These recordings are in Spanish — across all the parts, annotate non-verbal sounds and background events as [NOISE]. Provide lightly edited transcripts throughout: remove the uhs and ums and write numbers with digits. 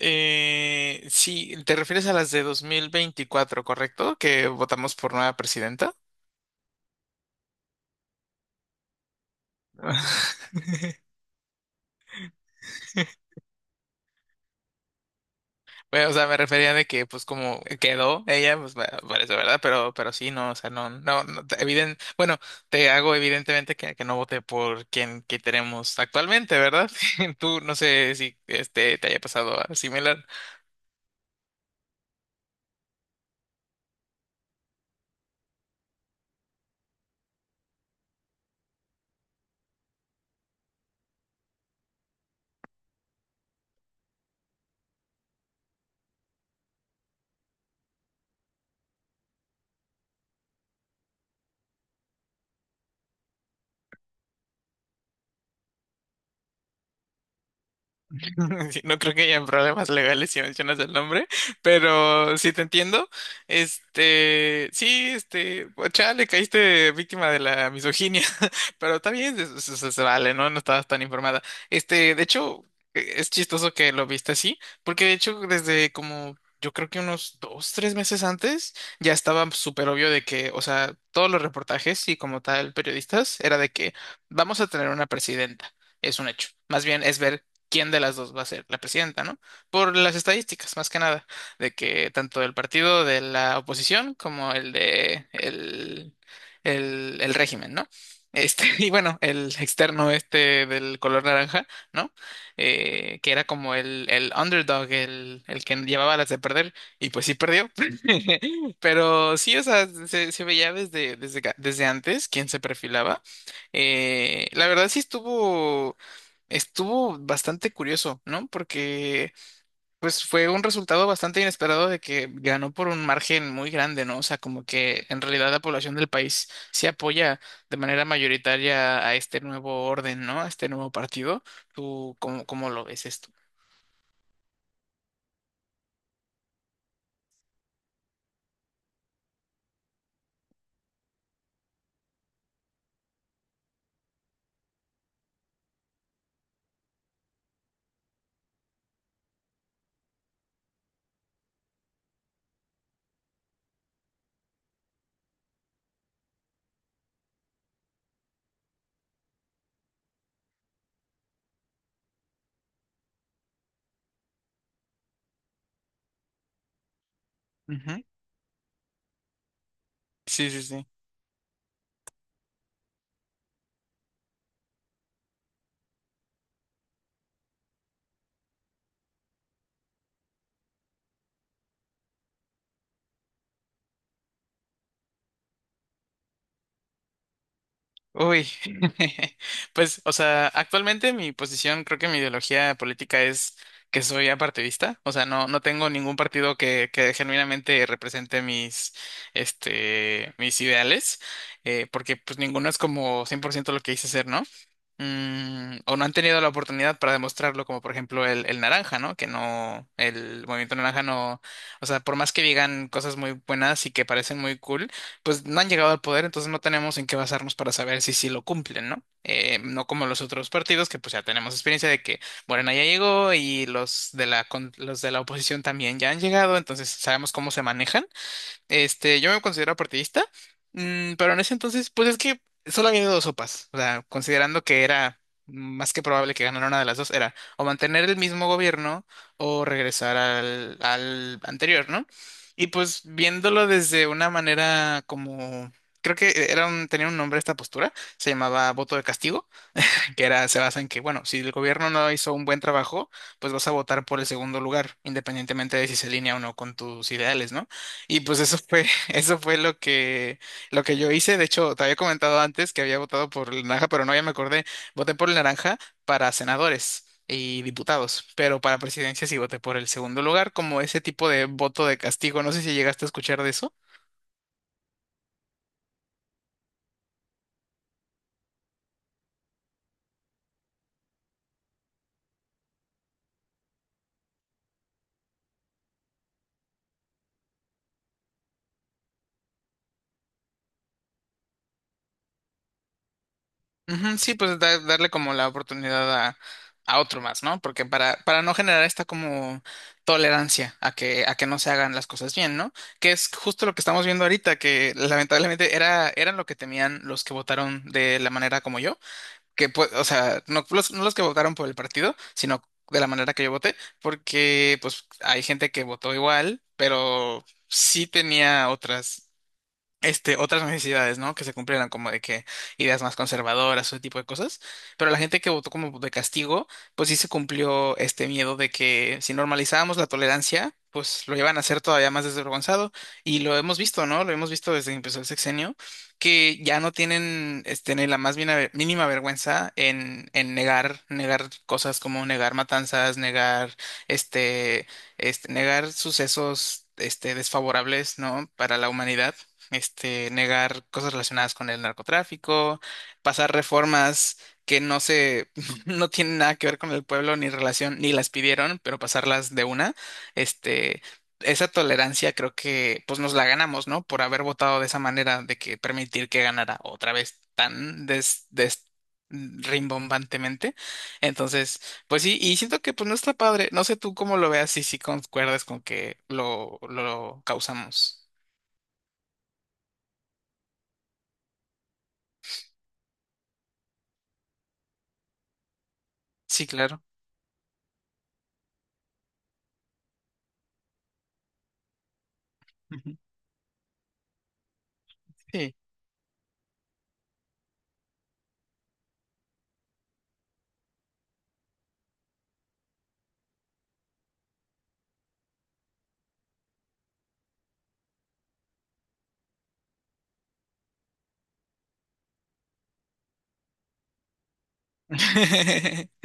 Sí, te refieres a las de 2024, ¿correcto? Que votamos por nueva presidenta. [LAUGHS] Bueno, o sea, me refería de que, pues, como quedó ella, pues, parece verdad, pero sí, no, o sea, no, no, no, bueno, te hago evidentemente que no voté por quien que tenemos actualmente, ¿verdad? [LAUGHS] Tú, no sé si este te haya pasado algo similar. [LAUGHS] Sí, no creo que haya problemas legales si mencionas el nombre, pero sí te entiendo. Este, sí, este, pues, chale, caíste víctima de la misoginia, [LAUGHS] pero está bien, se vale, ¿no? No estabas tan informada. Este, de hecho, es chistoso que lo viste así, porque de hecho, desde como yo creo que unos dos, tres meses antes, ya estaba súper obvio de que, o sea, todos los reportajes y como tal, periodistas, era de que vamos a tener una presidenta. Es un hecho. Más bien es ver quién de las dos va a ser la presidenta, ¿no? Por las estadísticas, más que nada, de que tanto el partido de la oposición como el de el, el régimen, ¿no? Este, [LAUGHS] y bueno, el externo este del color naranja, ¿no? Que era como el, el underdog, el que llevaba las de perder, y pues sí perdió. [LAUGHS] Pero sí, o sea, se veía desde, desde antes quién se perfilaba. La verdad sí estuvo. Estuvo bastante curioso, ¿no? Porque pues fue un resultado bastante inesperado de que ganó por un margen muy grande, ¿no? O sea, como que en realidad la población del país se apoya de manera mayoritaria a este nuevo orden, ¿no? A este nuevo partido. ¿Tú cómo lo ves esto? Ujú. Sí, sí, sí. Uy, [LAUGHS] pues, o sea, actualmente mi posición, creo que mi ideología política es que soy apartidista, o sea, no, no tengo ningún partido que genuinamente represente mis, este, mis ideales, porque pues ninguno es como 100% lo que hice ser, ¿no? O no han tenido la oportunidad para demostrarlo, como por ejemplo el naranja, ¿no? Que no, el movimiento naranja no, o sea, por más que digan cosas muy buenas y que parecen muy cool, pues no han llegado al poder, entonces no tenemos en qué basarnos para saber si sí lo cumplen, ¿no? No como los otros partidos que pues ya tenemos experiencia de que Morena ya llegó y los de la oposición también ya han llegado, entonces sabemos cómo se manejan. Este, yo me considero partidista, pero en ese entonces, pues es que solo había dos sopas. O sea, considerando que era más que probable que ganara una de las dos, era o mantener el mismo gobierno o regresar al, al anterior, ¿no? Y pues viéndolo desde una manera como, creo que era tenía un nombre esta postura, se llamaba voto de castigo que era, se basa en que, bueno, si el gobierno no hizo un buen trabajo, pues vas a votar por el segundo lugar, independientemente de si se alinea o no con tus ideales, ¿no? Y pues eso fue, [LAUGHS] eso fue lo que yo hice. De hecho, te había comentado antes que había votado por el naranja, pero no, ya me acordé, voté por el naranja para senadores y diputados, pero para presidencia sí voté por el segundo lugar, como ese tipo de voto de castigo. No sé si llegaste a escuchar de eso. Ujú, sí, pues darle como la oportunidad a otro más, ¿no? Porque para no generar esta como tolerancia a que no se hagan las cosas bien, ¿no? Que es justo lo que estamos viendo ahorita, que lamentablemente era, eran lo que temían los que votaron de la manera como yo, que pues, o sea, no los, no los que votaron por el partido, sino de la manera que yo voté, porque pues hay gente que votó igual, pero sí tenía otras necesidades, ¿no? Que se cumplieran como de que ideas más conservadoras, o ese tipo de cosas. Pero la gente que votó como de castigo, pues sí se cumplió este miedo de que si normalizábamos la tolerancia, pues lo iban a hacer todavía más desvergonzado. Y lo hemos visto, ¿no? Lo hemos visto desde que empezó el sexenio, que ya no tienen este, ni la más mínima vergüenza en negar, negar cosas como negar matanzas, este, negar sucesos Este, desfavorables, ¿no? Para la humanidad, este, negar cosas relacionadas con el narcotráfico, pasar reformas que no se, [LAUGHS] no tienen nada que ver con el pueblo ni relación, ni las pidieron, pero pasarlas de una, este, esa tolerancia creo que pues nos la ganamos, ¿no? Por haber votado de esa manera, de que permitir que ganara otra vez tan rimbombantemente. Entonces, pues sí, y siento que pues no está padre. No sé tú cómo lo veas y si concuerdas con que lo causamos. Sí, claro. Sí. [LAUGHS]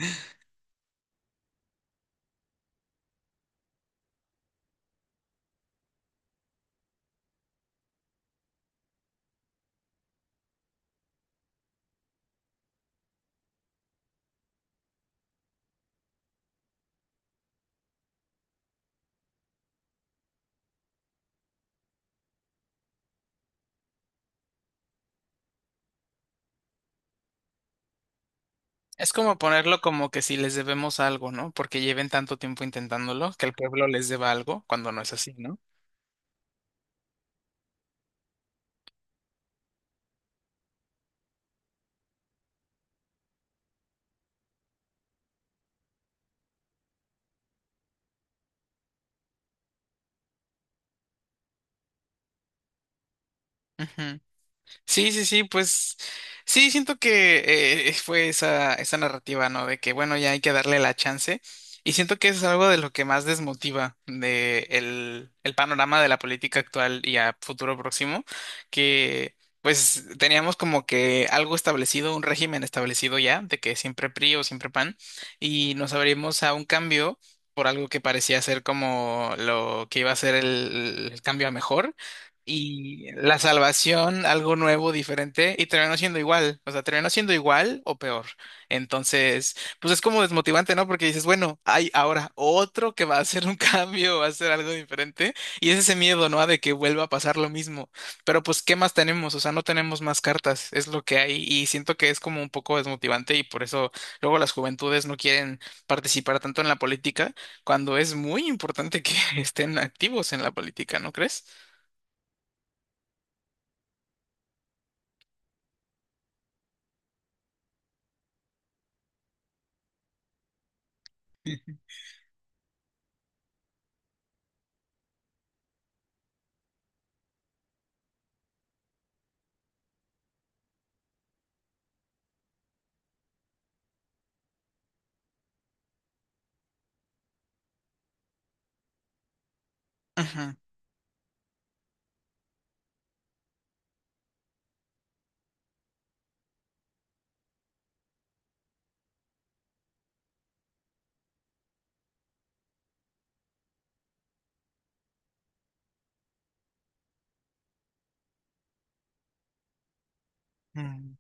Es como ponerlo como que si les debemos algo, ¿no? Porque lleven tanto tiempo intentándolo, que el pueblo les deba algo cuando no es así, ¿no? Ujú. Sí, sí, sí, pues sí, siento que fue esa narrativa, ¿no? De que, bueno, ya hay que darle la chance. Y siento que eso es algo de lo que más desmotiva de el panorama de la política actual y a futuro próximo, que pues teníamos como que algo establecido, un régimen establecido ya, de que siempre PRI o siempre PAN, y nos abrimos a un cambio por algo que parecía ser como lo que iba a ser el cambio a mejor. Y la salvación, algo nuevo, diferente, y terminó siendo igual, o sea, terminó siendo igual o peor. Entonces, pues es como desmotivante, ¿no? Porque dices, bueno, hay ahora otro que va a hacer un [LAUGHS] cambio, va a hacer algo diferente, y es ese miedo, ¿no? De que vuelva a pasar lo mismo. Pero pues, ¿qué más tenemos? O sea, no tenemos más cartas, es lo que hay, y siento que es como un poco desmotivante, y por eso luego las juventudes no quieren participar tanto en la política, cuando es muy importante que [LAUGHS] estén activos en la política, ¿no crees? Ujú. Mm,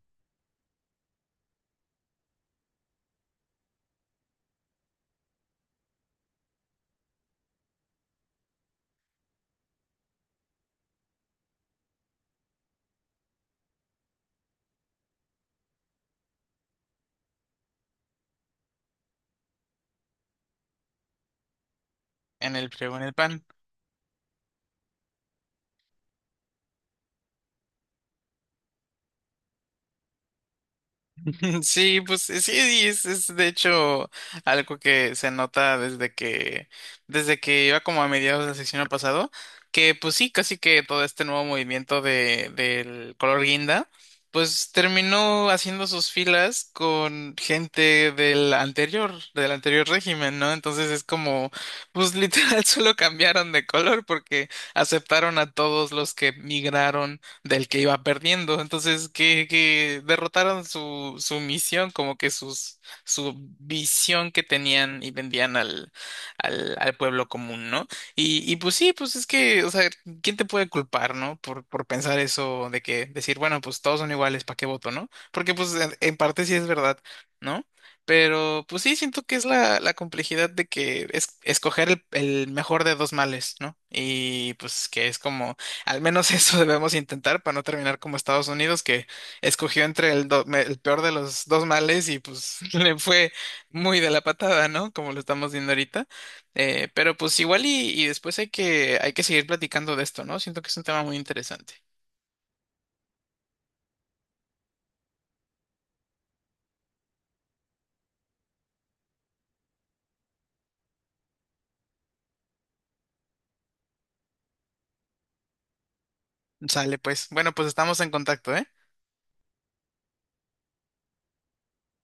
En el frío, en el pan. [LAUGHS] Sí, pues sí, sí, es de hecho algo que se nota desde que iba como a mediados del sexenio pasado, que pues sí, casi que todo este nuevo movimiento de, del color guinda, pues terminó haciendo sus filas con gente del anterior régimen, ¿no? Entonces es como, pues literal [LAUGHS] solo cambiaron de color porque aceptaron a todos los que migraron del que iba perdiendo. Entonces, que derrotaron su, su misión, como que sus, su visión que tenían y vendían al, al pueblo común, ¿no? Y pues sí, pues es que, o sea, ¿quién te puede culpar? ¿No? Por pensar eso de que decir, bueno, pues todos son iguales, ¿para qué voto? ¿No? Porque pues en parte sí es verdad, ¿no? Pero pues sí, siento que es la complejidad de que es escoger el mejor de dos males, ¿no? Y pues que es como al menos [LAUGHS] eso debemos intentar para no terminar como Estados Unidos, que escogió entre el peor de los dos males y pues [LAUGHS] le fue muy de la patada, ¿no? Como lo estamos viendo ahorita. Pero pues igual y después hay que seguir platicando de esto, ¿no? Siento que es un tema muy interesante. Sale, pues. Bueno, pues estamos en contacto, ¿eh?